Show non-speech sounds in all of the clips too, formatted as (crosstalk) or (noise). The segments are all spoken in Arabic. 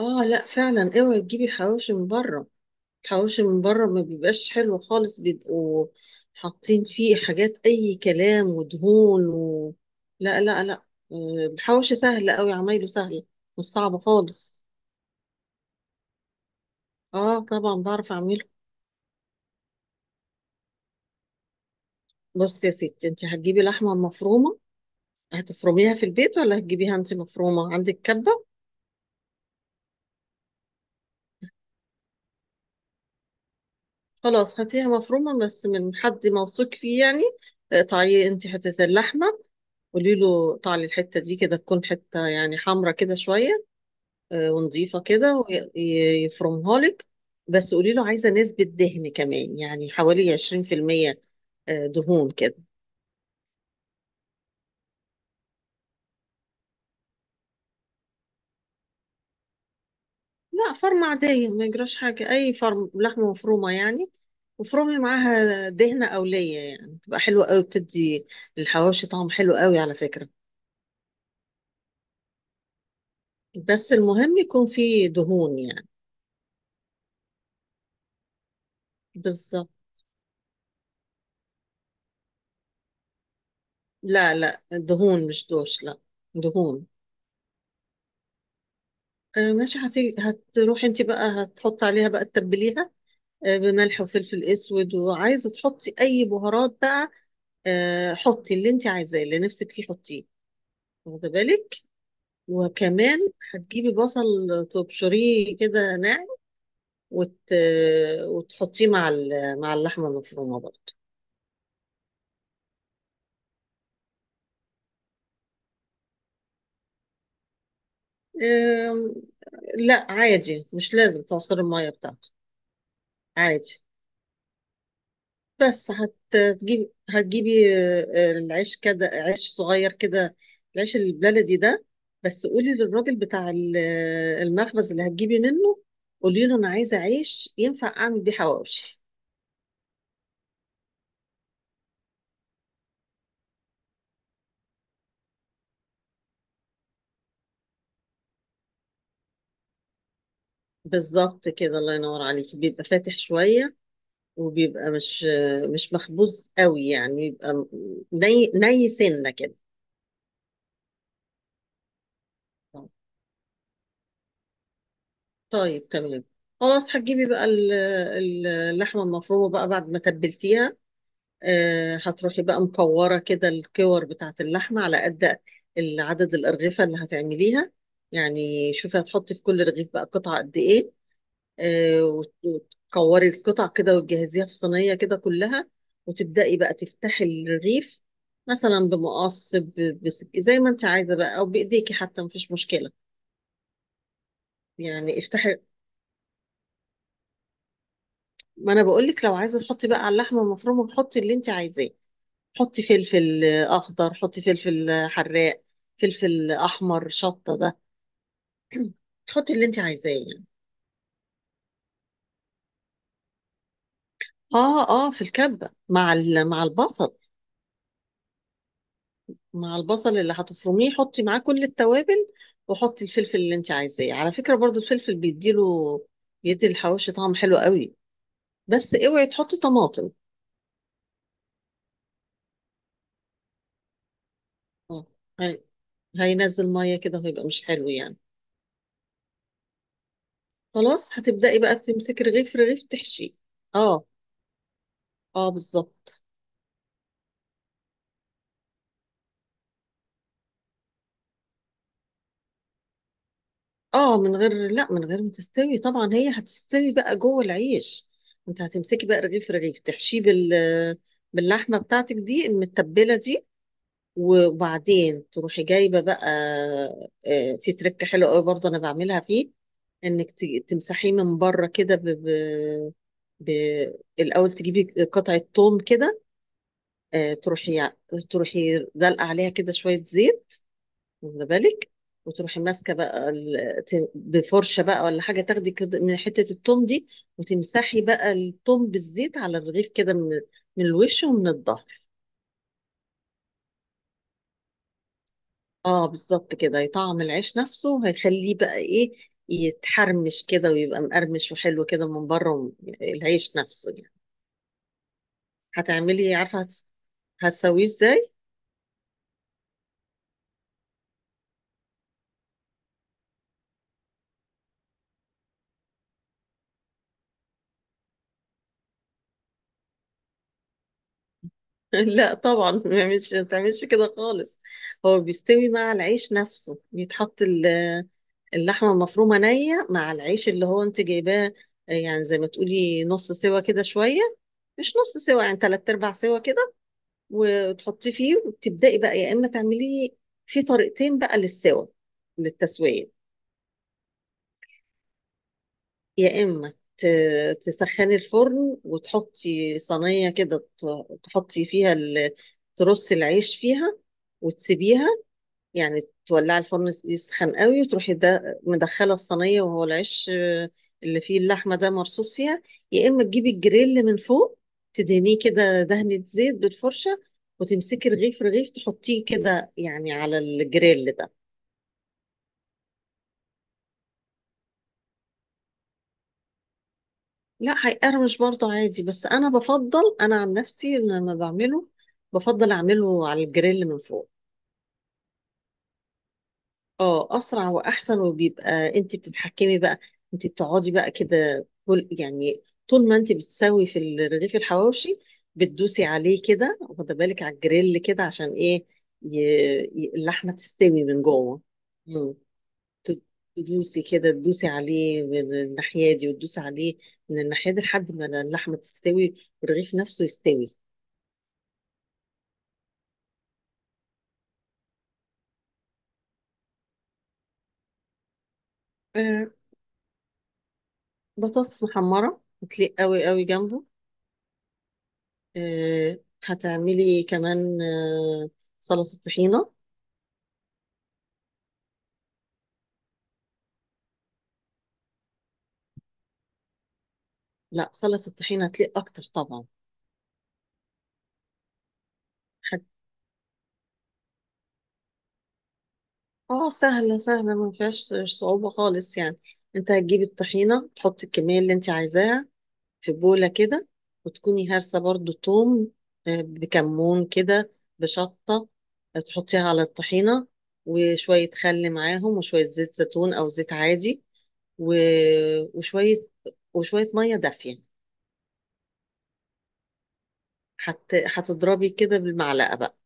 اه لا فعلا اوعي تجيبي حواوشي من بره. الحواوشي من بره ما بيبقاش حلو خالص، بيبقوا حاطين فيه حاجات اي كلام ودهون لا لا لا. الحواوشي سهل قوي، عمايله سهل. مش صعب خالص. اه طبعا بعرف اعمله. بص يا ستي، انت هتجيبي لحمه مفرومه، هتفرميها في البيت ولا هتجيبيها انت مفرومه عندك كبه؟ خلاص هاتيها مفرومه بس من حد موثوق فيه يعني. اقطعي انت حته اللحمه، قولي له طعلي الحتة دي كده، تكون حتة يعني حمرة كده شوية، ونضيفة كده، ويفرمها لك. بس قولي له عايزة نسبة دهن كمان يعني حوالي 20%، دهون كده. لا، فرمة عادية ما يجراش حاجة، أي فرم لحمة مفرومة يعني. وفرمي معاها دهنة أولية يعني، تبقى حلوة قوي، بتدي الحواوشي طعم حلو قوي على فكرة. بس المهم يكون فيه دهون يعني. بالظبط. لا لا، دهون، مش دوش، لا، دهون. ماشي، هتيجي هتروحي انت بقى هتحطي عليها بقى تتبليها، بملح وفلفل اسود، وعايزه تحطي اي بهارات بقى، حطي اللي انت عايزاه، اللي نفسك فيه حطيه، واخده بالك. وكمان هتجيبي بصل، تبشريه كده ناعم، وت... وتحطيه مع مع اللحمه المفرومه برضه. آم، لا، عادي مش لازم تعصري الميه بتاعته، عادي. بس هتجيبي العيش كده، عيش صغير كده، العيش البلدي ده. بس قولي للراجل بتاع المخبز اللي هتجيبي منه، قولي له انا عايزه عيش ينفع اعمل بيه حواوشي. بالظبط كده، الله ينور عليكي، بيبقى فاتح شويه، وبيبقى مش مخبوز قوي يعني، بيبقى ني سنه كده. طيب تمام. خلاص هتجيبي بقى اللحمه المفرومه بقى بعد ما تبلتيها، هتروحي بقى مكورة كده، الكور بتاعة اللحمة على قد عدد الأرغفة اللي هتعمليها. يعني شوفي، هتحطي في كل رغيف بقى قطعة قد إيه، وتكوري القطع كده وتجهزيها في صينية كده كلها، وتبدأي بقى تفتحي الرغيف، مثلا بمقص زي ما انت عايزة بقى، أو بإيديكي حتى، مفيش مشكلة. يعني افتحي، ما أنا بقولك لو عايزة تحطي بقى على اللحمة المفرومة، حطي اللي انت عايزاه، حطي فلفل اخضر، حطي فلفل حراق، فلفل احمر، شطه ده، تحطي اللي انت عايزاه يعني. اه اه، في الكبه، مع مع البصل. مع البصل اللي هتفرميه حطي معاه كل التوابل، وحطي الفلفل اللي انت عايزاه، على فكره برضو الفلفل بيديله، بيدي الحواوشي طعم حلو قوي. بس اوعي تحطي طماطم. اه، هي- هينزل ميه كده وهيبقى مش حلو يعني. خلاص هتبداي بقى تمسكي رغيف رغيف تحشيه. اه. اه بالظبط. اه، من غير، لا، من غير ما تستوي طبعا، هي هتستوي بقى جوه العيش. انت هتمسكي بقى رغيف رغيف تحشيه باللحمه بتاعتك دي المتبله دي. وبعدين تروحي جايبه بقى، في تركه حلوه قوي برضه انا بعملها فيه، انك تمسحيه من بره كده ب... الاول تجيبي قطعه توم كده، تروحي دلقه عليها كده شويه زيت، واخده بالك. وتروحي ماسكه بقى بفرشه بقى ولا حاجه، تاخدي كده من حته التوم دي، وتمسحي بقى التوم بالزيت على الرغيف كده، من الوش ومن الظهر. اه بالظبط كده، هيطعم العيش نفسه، وهيخليه بقى ايه، يتحرمش كده ويبقى مقرمش وحلو كده من بره العيش نفسه يعني. هتعملي عارفه، هتسويه ازاي؟ (laughs) لا طبعا، ما تعملش كده خالص. هو بيستوي مع العيش نفسه، بيتحط اللحمة المفرومة نية مع العيش اللي هو انت جايباه، يعني زي ما تقولي نص سوا كده شوية، مش نص سوا يعني، تلات ارباع سوا كده، وتحطيه فيه، وتبدأي بقى يا اما تعمليه. في طريقتين بقى للسوا، للتسوية. يا اما تسخني الفرن وتحطي صينية كده، تحطي فيها ترصي العيش فيها وتسيبيها يعني، تولعي الفرن يسخن قوي وتروحي ده مدخله الصينيه، وهو العيش اللي فيه اللحمه ده مرصوص فيها. يا اما تجيبي الجريل من فوق، تدهنيه كده دهنه زيت بالفرشه، وتمسكي رغيف رغيف تحطيه كده يعني على الجريل ده. لا، هيقرمش برضه عادي، بس انا بفضل، انا عن نفسي لما بعمله بفضل اعمله على الجريل من فوق. اه اسرع واحسن، وبيبقى انت بتتحكمي بقى، انت بتقعدي بقى كده كل يعني طول ما انت بتسوي في رغيف الحواوشي، بتدوسي عليه كده واخده بالك على الجريل كده، عشان ايه، ي... اللحمه تستوي من جوه. مم. ت- تدوسي كده، تدوسي عليه من الناحيه دي، وتدوسي عليه من الناحيه دي لحد ما اللحمه تستوي والرغيف نفسه يستوي. آه، بطاطس محمره بتليق قوي قوي جنبه. آه، هتعملي كمان سلطة طحينة. لا، سلطة طحينة هتليق أكتر طبعا. هت... اه سهلة سهلة، ما فيهاش صعوبة خالص يعني. انت هتجيبي الطحينة، تحطي الكمية اللي انت عايزاها في بولة كده، وتكوني هارسة برضو توم، بكمون كده، بشطة، تحطيها على الطحينة، وشوية خل معاهم، وشوية زيت زيتون أو زيت عادي و... وشوية مية دافية. هت... هتضربي كده بالمعلقة بقى.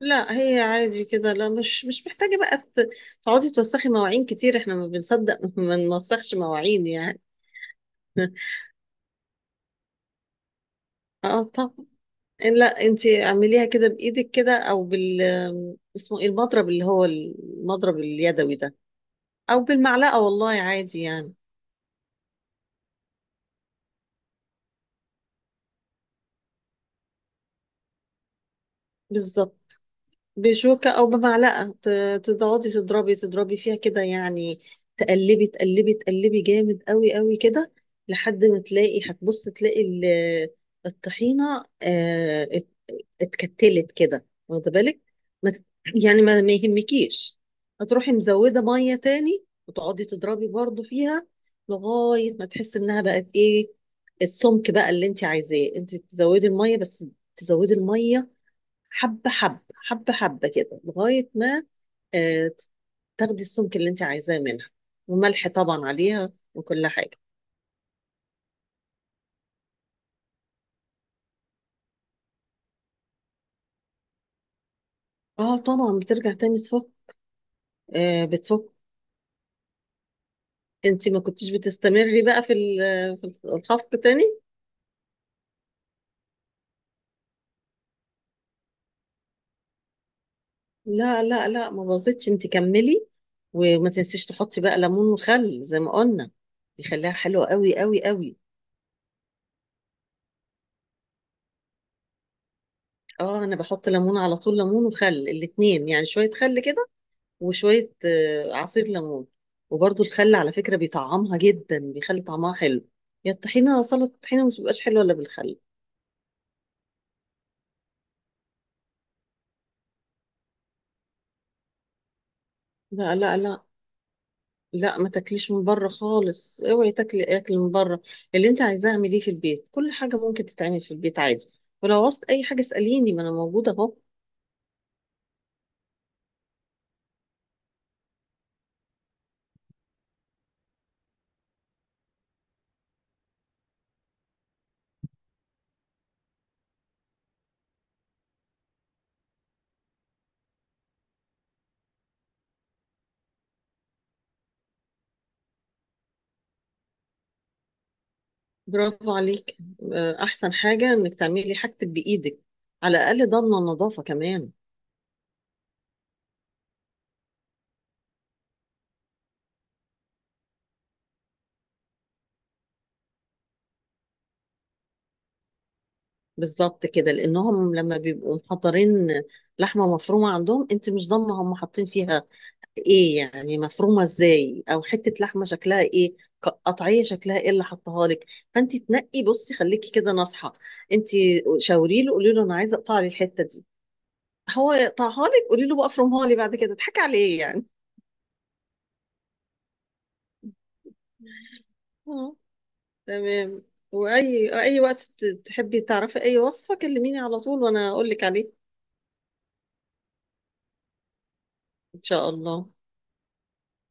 لا، هي عادي كده، لا، مش محتاجة بقى تقعدي توسخي مواعين كتير، احنا ما بنصدق (laughs) ما نوسخش مواعين يعني. (laughs) اه طبعا. لا، انتي اعمليها كده بايدك كده، او اسمه ايه، المضرب، اللي هو المضرب اليدوي ده، او بالمعلقة، والله عادي يعني. بالظبط، بشوكة أو بمعلقة، تقعدي تضربي فيها كده يعني، تقلبي تقلبي تقلبي جامد قوي قوي كده، لحد ما تلاقي، هتبص تلاقي الطحينة اتكتلت كده واخدة بالك. ما ت- يعني ما يهمكيش. هتروحي مزودة مية تاني، وتقعدي تضربي برضو فيها لغاية ما تحس إنها بقت إيه، السمك بقى اللي أنت عايزاه، أنت تزودي المية بس، تزودي المية حبة حبة حبة حبة كده لغاية ما، آه، تاخدي السمك اللي انت عايزاه منها، وملح طبعا عليها وكل حاجة. اه طبعا، بترجع تاني تفك. آه بتفك، انت ما كنتش بتستمري بقى في في الخفق تاني. لا لا لا، ما باظتش، انت كملي، وما تنسيش تحطي بقى ليمون وخل زي ما قلنا، يخليها حلوة قوي قوي قوي. اه، انا بحط ليمون على طول، ليمون وخل الاتنين يعني، شوية خل كده، وشوية عصير ليمون. وبرضو الخل على فكرة بيطعمها جدا، بيخلي طعمها حلو، يا الطحينة سلطة الطحينة ما بتبقاش حلوة إلا بالخل. لا لا لا لا، ما تاكليش من بره خالص، اوعي تاكلي اكل من بره، اللي انت عايزاه اعمليه في البيت، كل حاجة ممكن تتعمل في البيت عادي، ولو عوزت اي حاجة اسأليني، ما انا موجودة اهو. برافو عليك، احسن حاجة انك تعملي حاجتك بايدك، على الاقل ضامنة النظافة كمان. بالظبط كده، لانهم لما بيبقوا محضرين لحمه مفرومه عندهم، انت مش ضامنه هم حاطين فيها ايه، يعني مفرومه ازاي، او حته لحمه شكلها ايه، قطعيه شكلها ايه اللي حطها لك. فانت تنقي، بصي خليكي كده ناصحه، انت شاوري له، قولي له انا عايزه اقطع لي الحته دي، هو يقطعها لك، قولي له بقى افرمها لي بعد كده، اضحكي عليه يعني. اه تمام. واي، اي وقت تحبي تعرفي اي وصفه كلميني على طول وانا اقول لك عليه. ان شاء الله.